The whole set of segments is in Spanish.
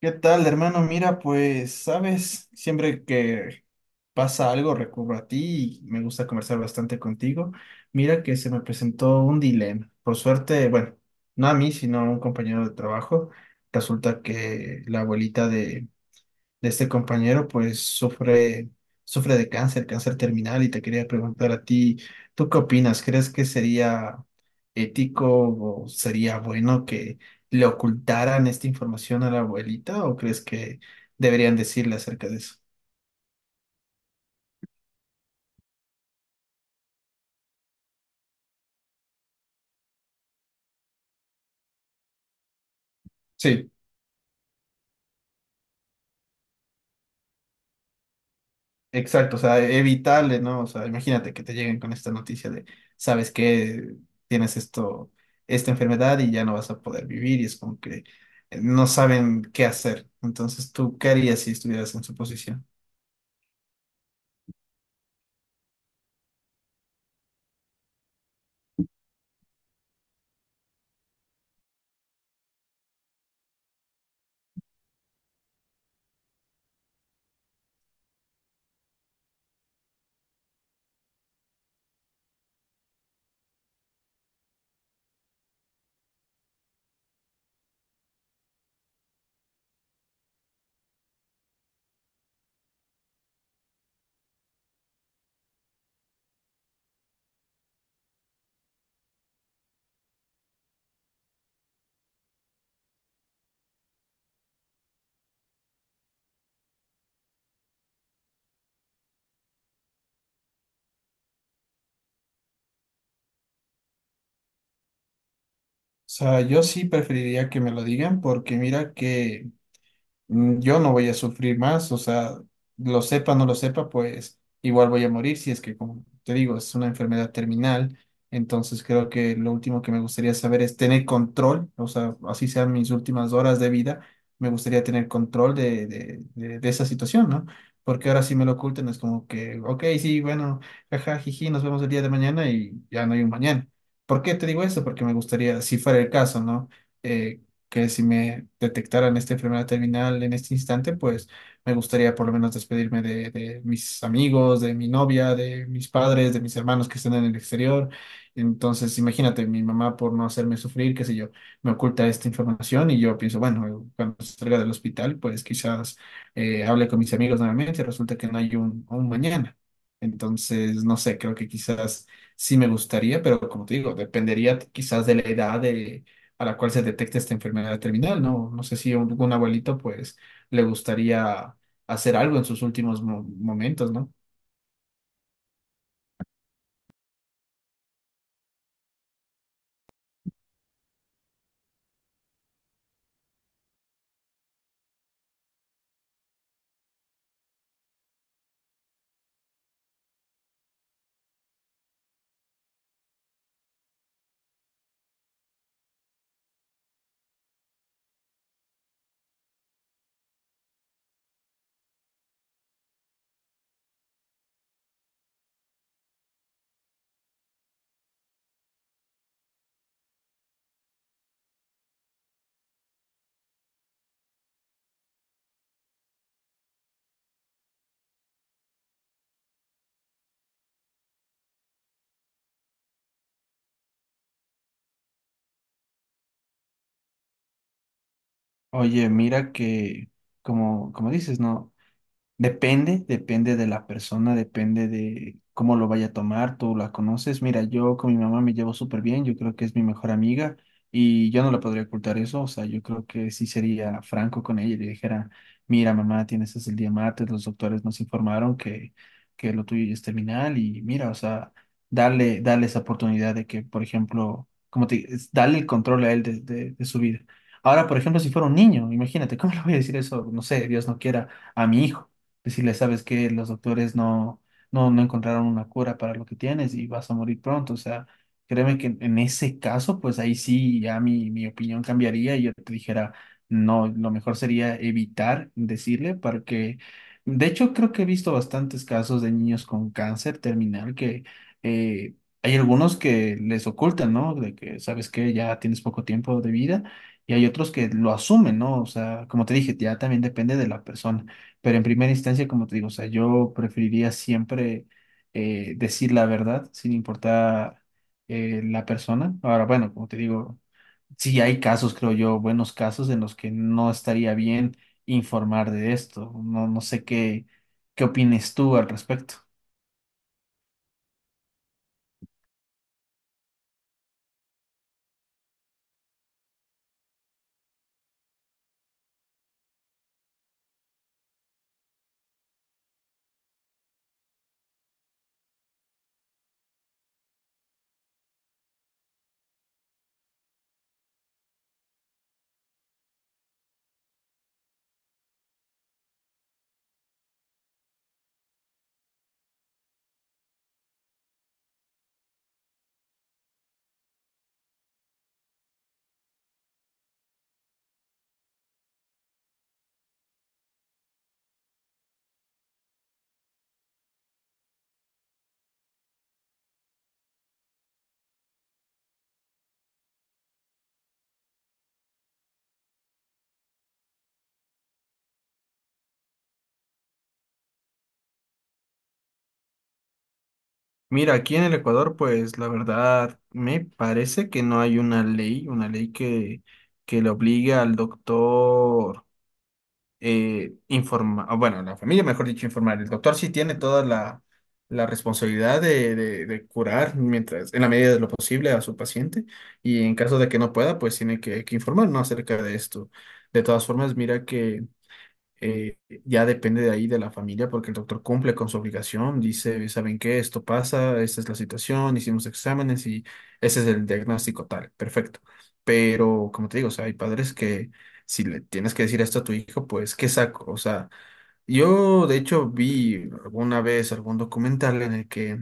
¿Qué tal, hermano? Mira, pues, sabes, siempre que pasa algo recurro a ti y me gusta conversar bastante contigo. Mira que se me presentó un dilema. Por suerte, bueno, no a mí, sino a un compañero de trabajo. Resulta que la abuelita de este compañero, pues sufre, sufre de cáncer, cáncer terminal, y te quería preguntar a ti, ¿tú qué opinas? ¿Crees que sería ético o sería bueno que le ocultaran esta información a la abuelita o crees que deberían decirle acerca de eso? Sí. Exacto, o sea, evitable, ¿no? O sea, imagínate que te lleguen con esta noticia de, sabes que tienes esto, esta enfermedad y ya no vas a poder vivir y es como que no saben qué hacer. Entonces, ¿tú qué harías si estuvieras en su posición? O sea, yo sí preferiría que me lo digan porque mira que yo no voy a sufrir más, o sea, lo sepa no lo sepa, pues igual voy a morir si es que, como te digo, es una enfermedad terminal. Entonces creo que lo último que me gustaría saber es tener control, o sea, así sean mis últimas horas de vida, me gustaría tener control de esa situación, ¿no? Porque ahora si me lo ocultan es como que, ok, sí, bueno, jaja, jiji, nos vemos el día de mañana y ya no hay un mañana. ¿Por qué te digo eso? Porque me gustaría, si fuera el caso, ¿no? Eh, que si me detectaran esta enfermedad terminal en este instante, pues me gustaría por lo menos despedirme de mis amigos, de mi novia, de mis padres, de mis hermanos que están en el exterior. Entonces, imagínate, mi mamá por no hacerme sufrir, qué sé yo, me oculta esta información y yo pienso, bueno, cuando salga del hospital, pues quizás hable con mis amigos nuevamente, resulta que no hay un mañana. Entonces, no sé, creo que quizás sí me gustaría, pero como te digo, dependería quizás de la edad de, a la cual se detecta esta enfermedad terminal, ¿no? No sé si a algún abuelito, pues, le gustaría hacer algo en sus últimos momentos, ¿no? Oye, mira que, como dices, ¿no? Depende, depende de la persona, depende de cómo lo vaya a tomar, tú la conoces. Mira, yo con mi mamá me llevo súper bien, yo creo que es mi mejor amiga y yo no le podría ocultar eso, o sea, yo creo que sí sería franco con ella y le dijera, mira, mamá, tienes hasta el día martes, los doctores nos informaron que lo tuyo ya es terminal y mira, o sea, darle, darle esa oportunidad de que, por ejemplo, como te, es darle el control a él de, de su vida. Ahora, por ejemplo, si fuera un niño, imagínate, ¿cómo le voy a decir eso? No sé, Dios no quiera a mi hijo decirle, sabes que los doctores no, no, no encontraron una cura para lo que tienes y vas a morir pronto. O sea, créeme que en ese caso, pues ahí sí ya mi opinión cambiaría y yo te dijera, no, lo mejor sería evitar decirle para que... De hecho, creo que he visto bastantes casos de niños con cáncer terminal que eh, hay algunos que les ocultan, ¿no? De que, sabes que ya tienes poco tiempo de vida y hay otros que lo asumen, ¿no? O sea, como te dije, ya también depende de la persona. Pero en primera instancia, como te digo, o sea, yo preferiría siempre decir la verdad sin importar la persona. Ahora, bueno, como te digo, sí hay casos, creo yo, buenos casos en los que no estaría bien informar de esto. No, no sé qué, qué opines tú al respecto. Mira, aquí en el Ecuador, pues la verdad me parece que no hay una ley que le obligue al doctor. Informa, o bueno, la familia, mejor dicho, informar. El doctor sí tiene toda la, la responsabilidad de, de curar mientras, en la medida de lo posible a su paciente y en caso de que no pueda, pues tiene que informar, ¿no? Acerca de esto. De todas formas, mira que eh, ya depende de ahí de la familia, porque el doctor cumple con su obligación, dice, ¿saben qué? Esto pasa, esta es la situación, hicimos exámenes y ese es el diagnóstico tal, perfecto. Pero, como te digo, o sea, hay padres que si le tienes que decir esto a tu hijo, pues, ¿qué saco? O sea, yo de hecho vi alguna vez algún documental en el que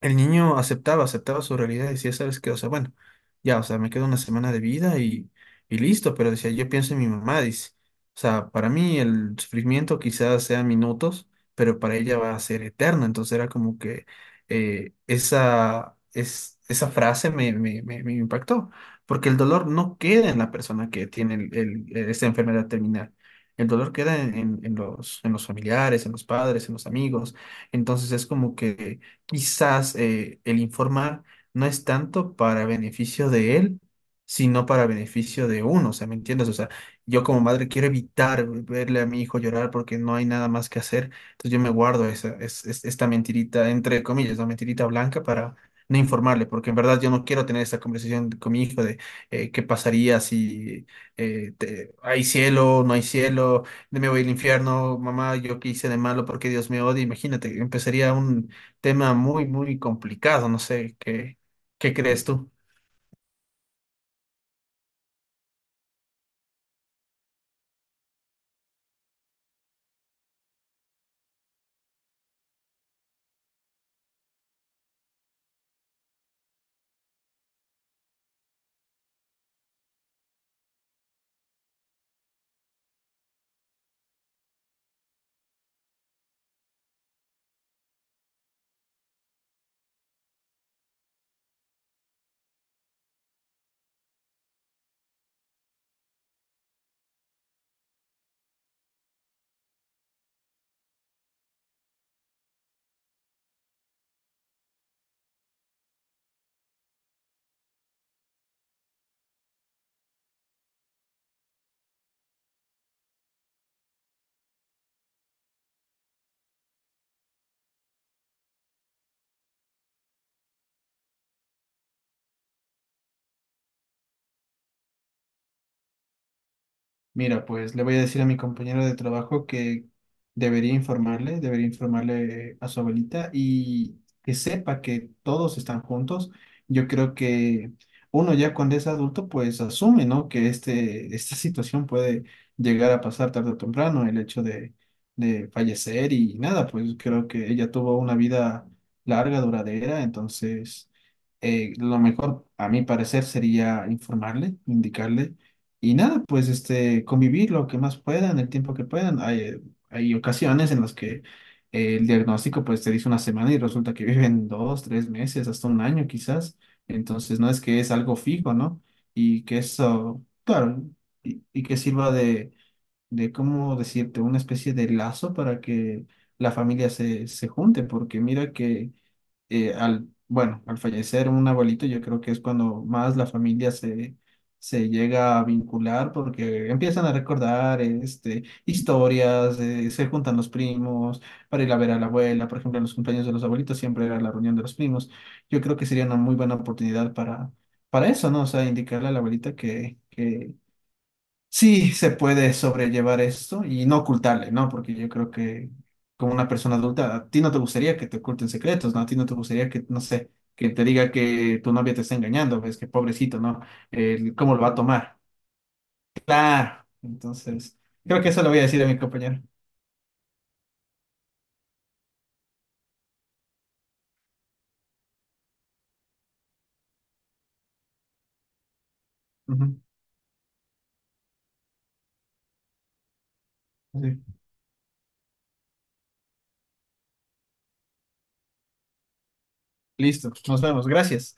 el niño aceptaba, aceptaba su realidad y decía, ¿sabes qué? O sea, bueno, ya, o sea, me queda una semana de vida y listo, pero decía, yo pienso en mi mamá, dice. O sea, para mí el sufrimiento quizás sea minutos, pero para ella va a ser eterno. Entonces era como que esa frase me impactó, porque el dolor no queda en la persona que tiene el, esta enfermedad terminal. El dolor queda en, en los, en los familiares, en los padres, en los amigos. Entonces es como que quizás el informar no es tanto para beneficio de él, sino para beneficio de uno, o sea, ¿me entiendes? O sea, yo como madre quiero evitar verle a mi hijo llorar porque no hay nada más que hacer, entonces yo me guardo esta mentirita, entre comillas, la mentirita blanca para no informarle, porque en verdad yo no quiero tener esta conversación con mi hijo de qué pasaría si hay cielo, no hay cielo, me voy al infierno, mamá, yo qué hice de malo porque Dios me odia, imagínate, empezaría un, tema muy, muy complicado. No sé, ¿qué, qué crees tú? Mira, pues le voy a decir a mi compañero de trabajo que debería informarle a su abuelita y que sepa que todos están juntos. Yo creo que uno ya cuando es adulto, pues asume, ¿no? Que este, esta situación puede llegar a pasar tarde o temprano, el hecho de fallecer y nada, pues creo que ella tuvo una vida larga, duradera, entonces lo mejor a mi parecer sería informarle, indicarle y nada, pues este, convivir lo que más puedan, el tiempo que puedan. Hay, hay ocasiones en las que el diagnóstico pues te dice una semana y resulta que viven dos, tres meses, hasta 1 año quizás. Entonces no es que es algo fijo, ¿no? Y que eso, claro, y que sirva de, ¿cómo decirte? Una especie de lazo para que la familia se, se junte, porque mira que al, bueno, al fallecer un abuelito, yo creo que es cuando más la familia se, se llega a vincular porque empiezan a recordar este, historias, se juntan los primos para ir a ver a la abuela, por ejemplo, en los cumpleaños de los abuelitos siempre era la reunión de los primos. Yo creo que sería una muy buena oportunidad para eso, ¿no? O sea, indicarle a la abuelita que... Que sí, se puede sobrellevar esto y no ocultarle, ¿no? Porque yo creo que como una persona adulta, a ti no te gustaría que te oculten secretos, ¿no? A ti no te gustaría que, no sé, que te diga que tu novia te está engañando, ves que pobrecito, ¿no? ¿Cómo lo va a tomar? Claro. Entonces, creo que eso lo voy a decir a mi compañero. Ujú, sí. Listo, nos vemos. Gracias.